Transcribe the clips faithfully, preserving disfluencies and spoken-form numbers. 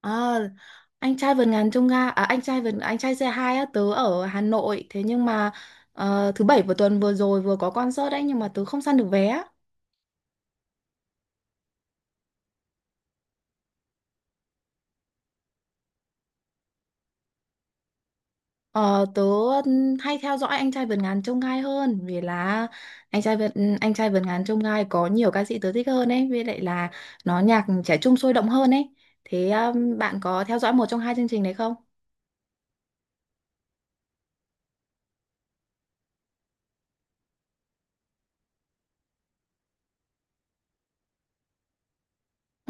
À, anh trai vượt ngàn chông gai à, anh trai vượt anh trai xe hai á, tớ ở Hà Nội thế nhưng mà ờ, thứ bảy vừa tuần vừa rồi vừa có concert đấy nhưng mà tớ không săn được vé á. Ờ, tớ hay theo dõi anh trai vượt ngàn chông gai hơn vì là anh trai vượt anh trai vượt ngàn chông gai có nhiều ca sĩ tớ thích hơn ấy, với lại là nó nhạc trẻ trung sôi động hơn ấy. Thế um, bạn có theo dõi một trong hai chương trình đấy không?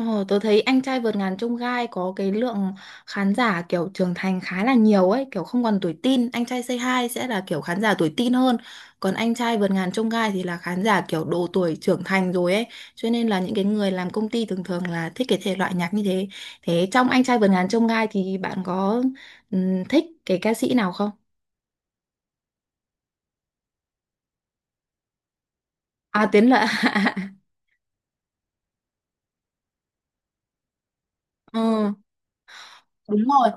Ờ, tớ thấy anh trai vượt ngàn chông gai có cái lượng khán giả kiểu trưởng thành khá là nhiều ấy, kiểu không còn tuổi teen, anh trai Say Hi sẽ là kiểu khán giả tuổi teen hơn, còn anh trai vượt ngàn chông gai thì là khán giả kiểu độ tuổi trưởng thành rồi ấy, cho nên là những cái người làm công ty thường thường là thích cái thể loại nhạc như thế. Thế trong anh trai vượt ngàn chông gai thì bạn có ừm, thích cái ca sĩ nào không? À, Tiến Lợi. Ờ, đúng rồi.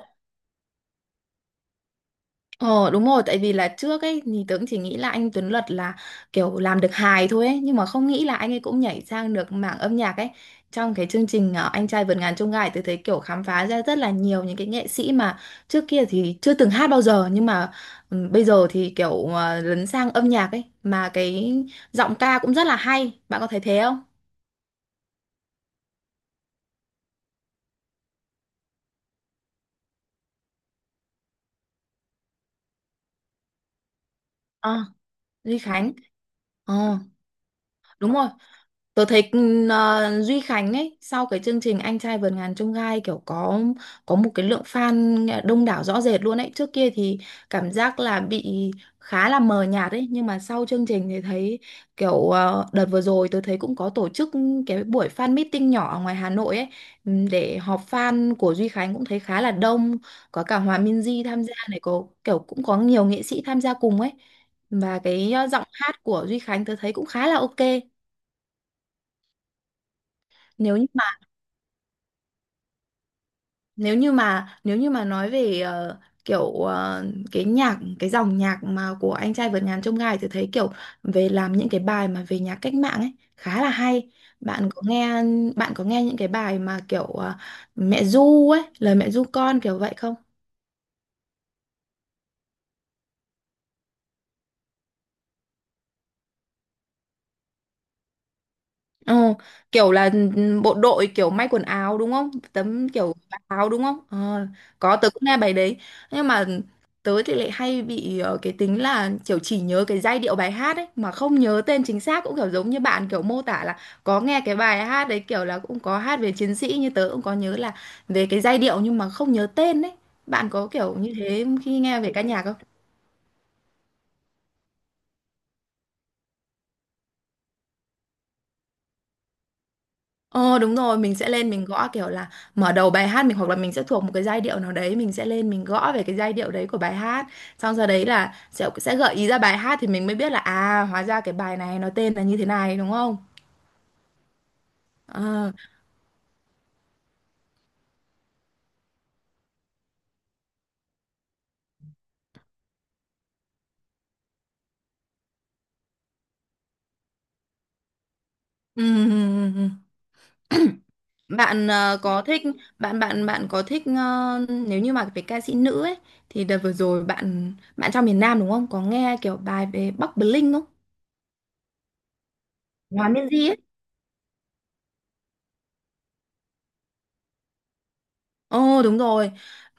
Ờ, đúng rồi, tại vì là trước ấy thì tớ cũng chỉ nghĩ là anh Tuấn Luật là kiểu làm được hài thôi ấy, nhưng mà không nghĩ là anh ấy cũng nhảy sang được mảng âm nhạc ấy. Trong cái chương trình ờ, Anh trai vượt ngàn chông gai tớ thấy kiểu khám phá ra rất là nhiều những cái nghệ sĩ mà trước kia thì chưa từng hát bao giờ, nhưng mà ừ, bây giờ thì kiểu ờ, lấn sang âm nhạc ấy, mà cái giọng ca cũng rất là hay. Bạn có thấy thế không? Ờ, Duy Khánh. Ờ, đúng rồi. Tớ thấy ừm, ờ, Duy Khánh ấy sau cái chương trình Anh trai vượt ngàn chông gai kiểu có có một cái lượng fan đông đảo rõ rệt luôn ấy. Trước kia thì cảm giác là bị khá là mờ nhạt ấy, nhưng mà sau chương trình thì thấy kiểu ờ, đợt vừa rồi tôi thấy cũng có tổ chức cái buổi fan meeting nhỏ ở ngoài Hà Nội ấy, ừm, để họp fan của Duy Khánh cũng thấy khá là đông, có cả Hòa Minzy tham gia này, có kiểu cũng có nhiều nghệ sĩ tham gia cùng ấy. Và cái ờ, giọng hát của Duy Khánh tôi thấy cũng khá là ok. nếu như mà nếu như mà Nếu như mà nói về ờ, kiểu ờ, cái nhạc cái dòng nhạc mà của anh trai vượt ngàn chông gai thì thấy kiểu về làm những cái bài mà về nhạc cách mạng ấy khá là hay. bạn có nghe Bạn có nghe những cái bài mà kiểu ờ, mẹ ru ấy, lời mẹ ru con kiểu vậy không? Ồ, kiểu là ừ, bộ đội kiểu may quần áo đúng không? Tấm kiểu áo đúng không? Ờ, có, tớ cũng nghe bài đấy. Nhưng mà tớ thì lại hay bị ờ, cái tính là kiểu chỉ nhớ cái giai điệu bài hát ấy mà không nhớ tên chính xác, cũng kiểu giống như bạn kiểu mô tả là có nghe cái bài hát đấy kiểu là cũng có hát về chiến sĩ, như tớ cũng có nhớ là về cái giai điệu nhưng mà không nhớ tên ấy. Bạn có kiểu như thế khi nghe về ca nhạc không? Ờ, đúng rồi, mình sẽ lên mình gõ kiểu là mở đầu bài hát, mình hoặc là mình sẽ thuộc một cái giai điệu nào đấy, mình sẽ lên mình gõ về cái giai điệu đấy của bài hát. Xong sau đấy là sẽ sẽ gợi ý ra bài hát, thì mình mới biết là à, hóa ra cái bài này nó tên là như thế này đúng không? Ờ. ừm, Bạn ờ, có thích bạn bạn bạn có thích ờ, nếu như mà về ca sĩ nữ ấy thì đợt vừa rồi bạn bạn trong miền Nam đúng không? Có nghe kiểu bài về Bắc Bling không? Hòa Minzy ấy. Ồ, đúng rồi.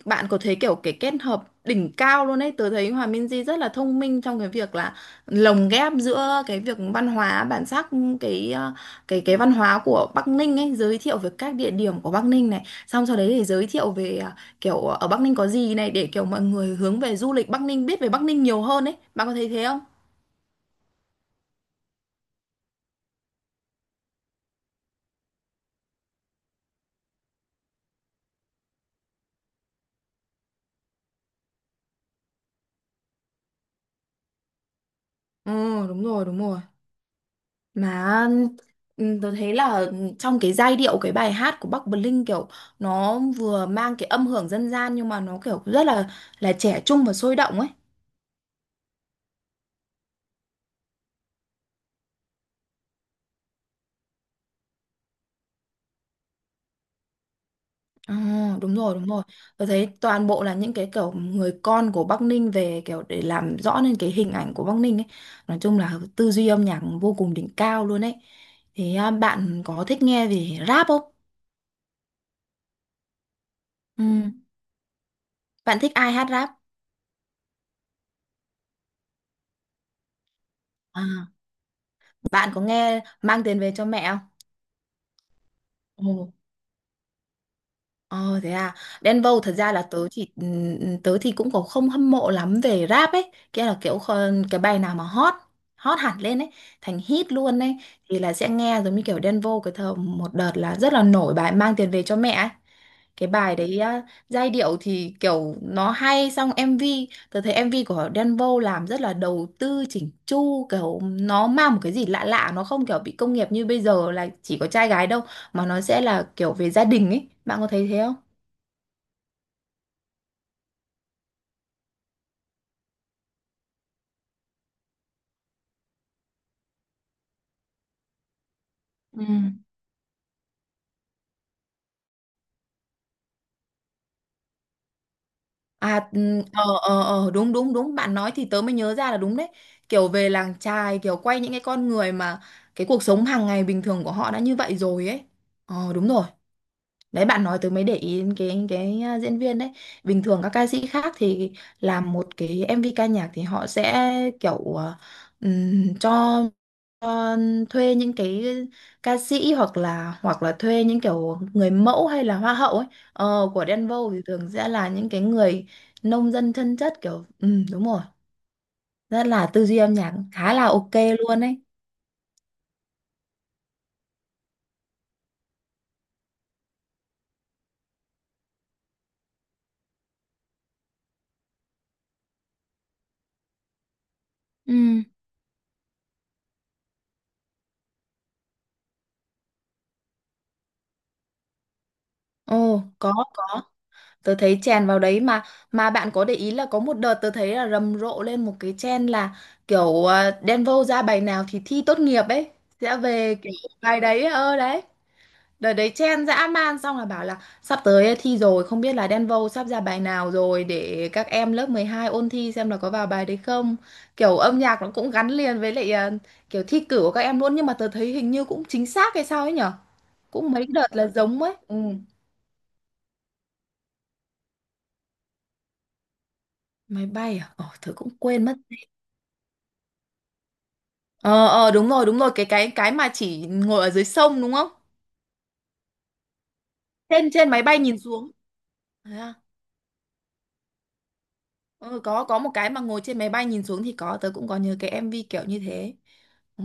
Bạn có thấy kiểu cái kết hợp đỉnh cao luôn ấy. Tớ thấy Hòa Minzy rất là thông minh trong cái việc là lồng ghép giữa cái việc văn hóa bản sắc, cái ờ, cái cái văn hóa của Bắc Ninh ấy, giới thiệu về các địa điểm của Bắc Ninh này, xong sau đấy thì giới thiệu về ờ, kiểu ờ, ở Bắc Ninh có gì này, để kiểu mọi người hướng về du lịch Bắc Ninh, biết về Bắc Ninh nhiều hơn ấy. Bạn có thấy thế không? Ừ, đúng rồi, đúng rồi mà. Ừ, tôi thấy là trong cái giai điệu cái bài hát của Bắc Bling kiểu nó vừa mang cái âm hưởng dân gian nhưng mà nó kiểu rất là là trẻ trung và sôi động ấy. Ờ, đúng rồi, đúng rồi. Tôi thấy toàn bộ là những cái kiểu người con của Bắc Ninh về kiểu để làm rõ nên cái hình ảnh của Bắc Ninh ấy. Nói chung là tư duy âm nhạc vô cùng đỉnh cao luôn ấy. Thế à, bạn có thích nghe về rap không? Ừ. Bạn thích ai hát rap? À, bạn có nghe Mang tiền về cho mẹ không? Ồ. Ờ, thế à, Đen Vâu thật ra là tớ chỉ ừm, tớ thì cũng có không hâm mộ lắm về rap ấy, kia là kiểu kho- cái bài nào mà hot hot hẳn lên ấy, thành hit luôn ấy thì là sẽ nghe, giống như kiểu Đen Vâu cái thời một đợt là rất là nổi bài mang tiền về cho mẹ ấy. Cái bài đấy á, giai điệu thì kiểu nó hay, xong em vê, tớ thấy em vê của Đen Vâu làm rất là đầu tư chỉnh chu, kiểu nó mang một cái gì lạ lạ, nó không kiểu bị công nghiệp như bây giờ là chỉ có trai gái đâu, mà nó sẽ là kiểu về gia đình ấy. Bạn có thấy thế không? Ừ. À, ừ, ờ, ờ, ờ, đúng, đúng, đúng, bạn nói thì tớ mới nhớ ra là đúng đấy. Kiểu về làng chài, kiểu quay những cái con người mà cái cuộc sống hàng ngày bình thường của họ đã như vậy rồi ấy. Ờ, đúng rồi. Đấy, bạn nói tớ mới để ý đến cái cái à, diễn viên đấy. Bình thường các ca sĩ khác thì làm một cái em vê ca nhạc thì họ sẽ kiểu à, ừm, cho ờ, thuê những cái ca sĩ, hoặc là hoặc là thuê những kiểu người mẫu hay là hoa hậu ấy, ờ, của Denver thì thường sẽ là những cái người nông dân chân chất kiểu ừ, đúng rồi, rất là tư duy âm nhạc khá là ok luôn ấy. Ừ. Ồ, có có, tớ thấy chèn vào đấy mà. Mà bạn có để ý là có một đợt tớ thấy là rầm rộ lên một cái trend là kiểu ờ, Đen ra bài nào thì thi tốt nghiệp ấy, sẽ về kiểu bài đấy, ơ đấy. Đợt đấy chen dã man, xong là bảo là sắp tới thi rồi không biết là Denvo sắp ra bài nào rồi, để các em lớp mười hai ôn thi xem là có vào bài đấy không. Kiểu âm nhạc nó cũng gắn liền với lại ờ, kiểu thi cử của các em luôn, nhưng mà tớ thấy hình như cũng chính xác hay sao ấy nhở? Cũng mấy đợt là giống ấy. Ừ. Máy bay à? Ồ, tớ cũng quên mất. Ờ, ờ, đúng rồi, đúng rồi, cái cái cái mà chỉ ngồi ở dưới sông đúng không? Trên, trên máy bay nhìn xuống. Thế à? Ừ, có có một cái mà ngồi trên máy bay nhìn xuống thì có, tớ cũng có nhớ cái em vê kiểu như thế. Ừ.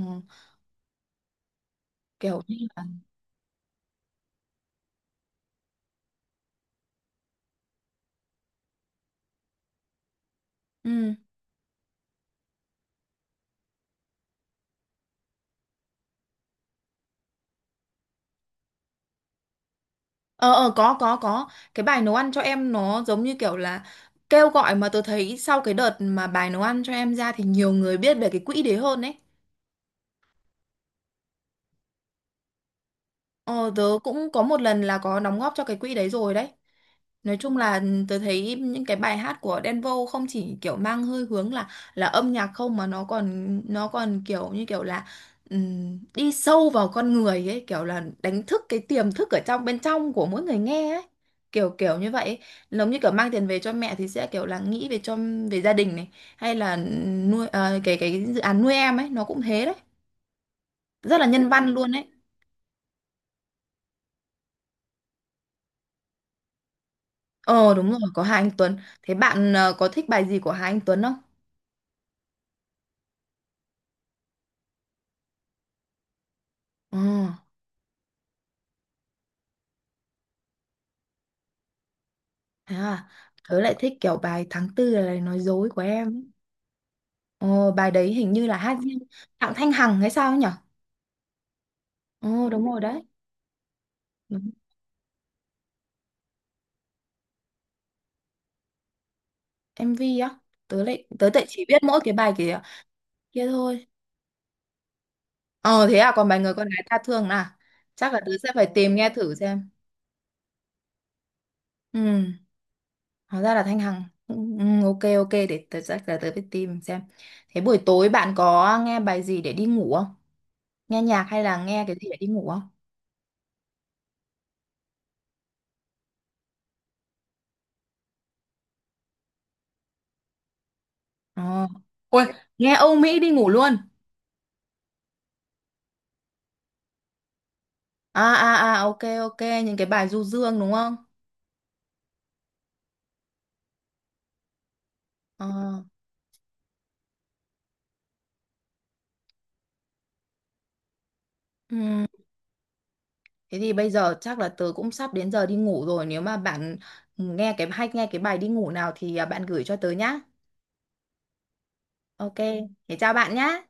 Kiểu như là ừ. ờ ờ có có có cái bài nấu ăn cho em nó giống như kiểu là kêu gọi, mà tôi thấy sau cái đợt mà bài nấu ăn cho em ra thì nhiều người biết về cái quỹ đấy hơn ấy. Ờ, tớ cũng có một lần là có đóng góp cho cái quỹ đấy rồi đấy. Nói chung là ừ, tớ thấy những cái bài hát của Đen Vâu không chỉ kiểu mang hơi hướng là là âm nhạc không, mà nó còn nó còn kiểu như kiểu là ừm, đi sâu vào con người ấy, kiểu là đánh thức cái tiềm thức ở trong bên trong của mỗi người nghe ấy. Kiểu kiểu như vậy ấy. Giống như kiểu mang tiền về cho mẹ thì sẽ kiểu là nghĩ về cho về gia đình này, hay là nuôi ờ, cái cái dự án nuôi em ấy nó cũng thế đấy. Rất là nhân văn luôn ấy. Ờ, đúng rồi, có Hà Anh Tuấn. Thế bạn ờ, có thích bài gì của Hà Anh Tuấn không? Ờ, thế à. Tớ lại thích kiểu bài tháng tư là lời nói dối của em ấy. Ờ, bài đấy hình như là hát riêng Đặng Thanh Hằng hay sao ấy nhỉ? Ờ, đúng rồi đấy. Đúng. em vê á. Tớ lại tớ lại chỉ biết mỗi cái bài kia kia thôi. Ờ, thế à, còn bài người con gái ta thương à? Chắc là tớ sẽ phải tìm nghe thử xem. Ừ, hóa ra là Thanh Hằng. Ừ, ừ, ok, ok, để tớ chắc là tớ phải tìm xem. Thế buổi tối bạn có nghe bài gì để đi ngủ không? Nghe nhạc hay là nghe cái gì để đi ngủ không? Ờ. Ôi, nghe Âu Mỹ đi ngủ luôn. À, à, à, ok, ok, những cái bài du dương đúng không? Ờ. Ừ. Thế thì bây giờ chắc là tớ cũng sắp đến giờ đi ngủ rồi, nếu mà bạn nghe cái hay, nghe cái bài đi ngủ nào thì à, bạn gửi cho tớ nhá. Ok. Thế chào bạn nhá.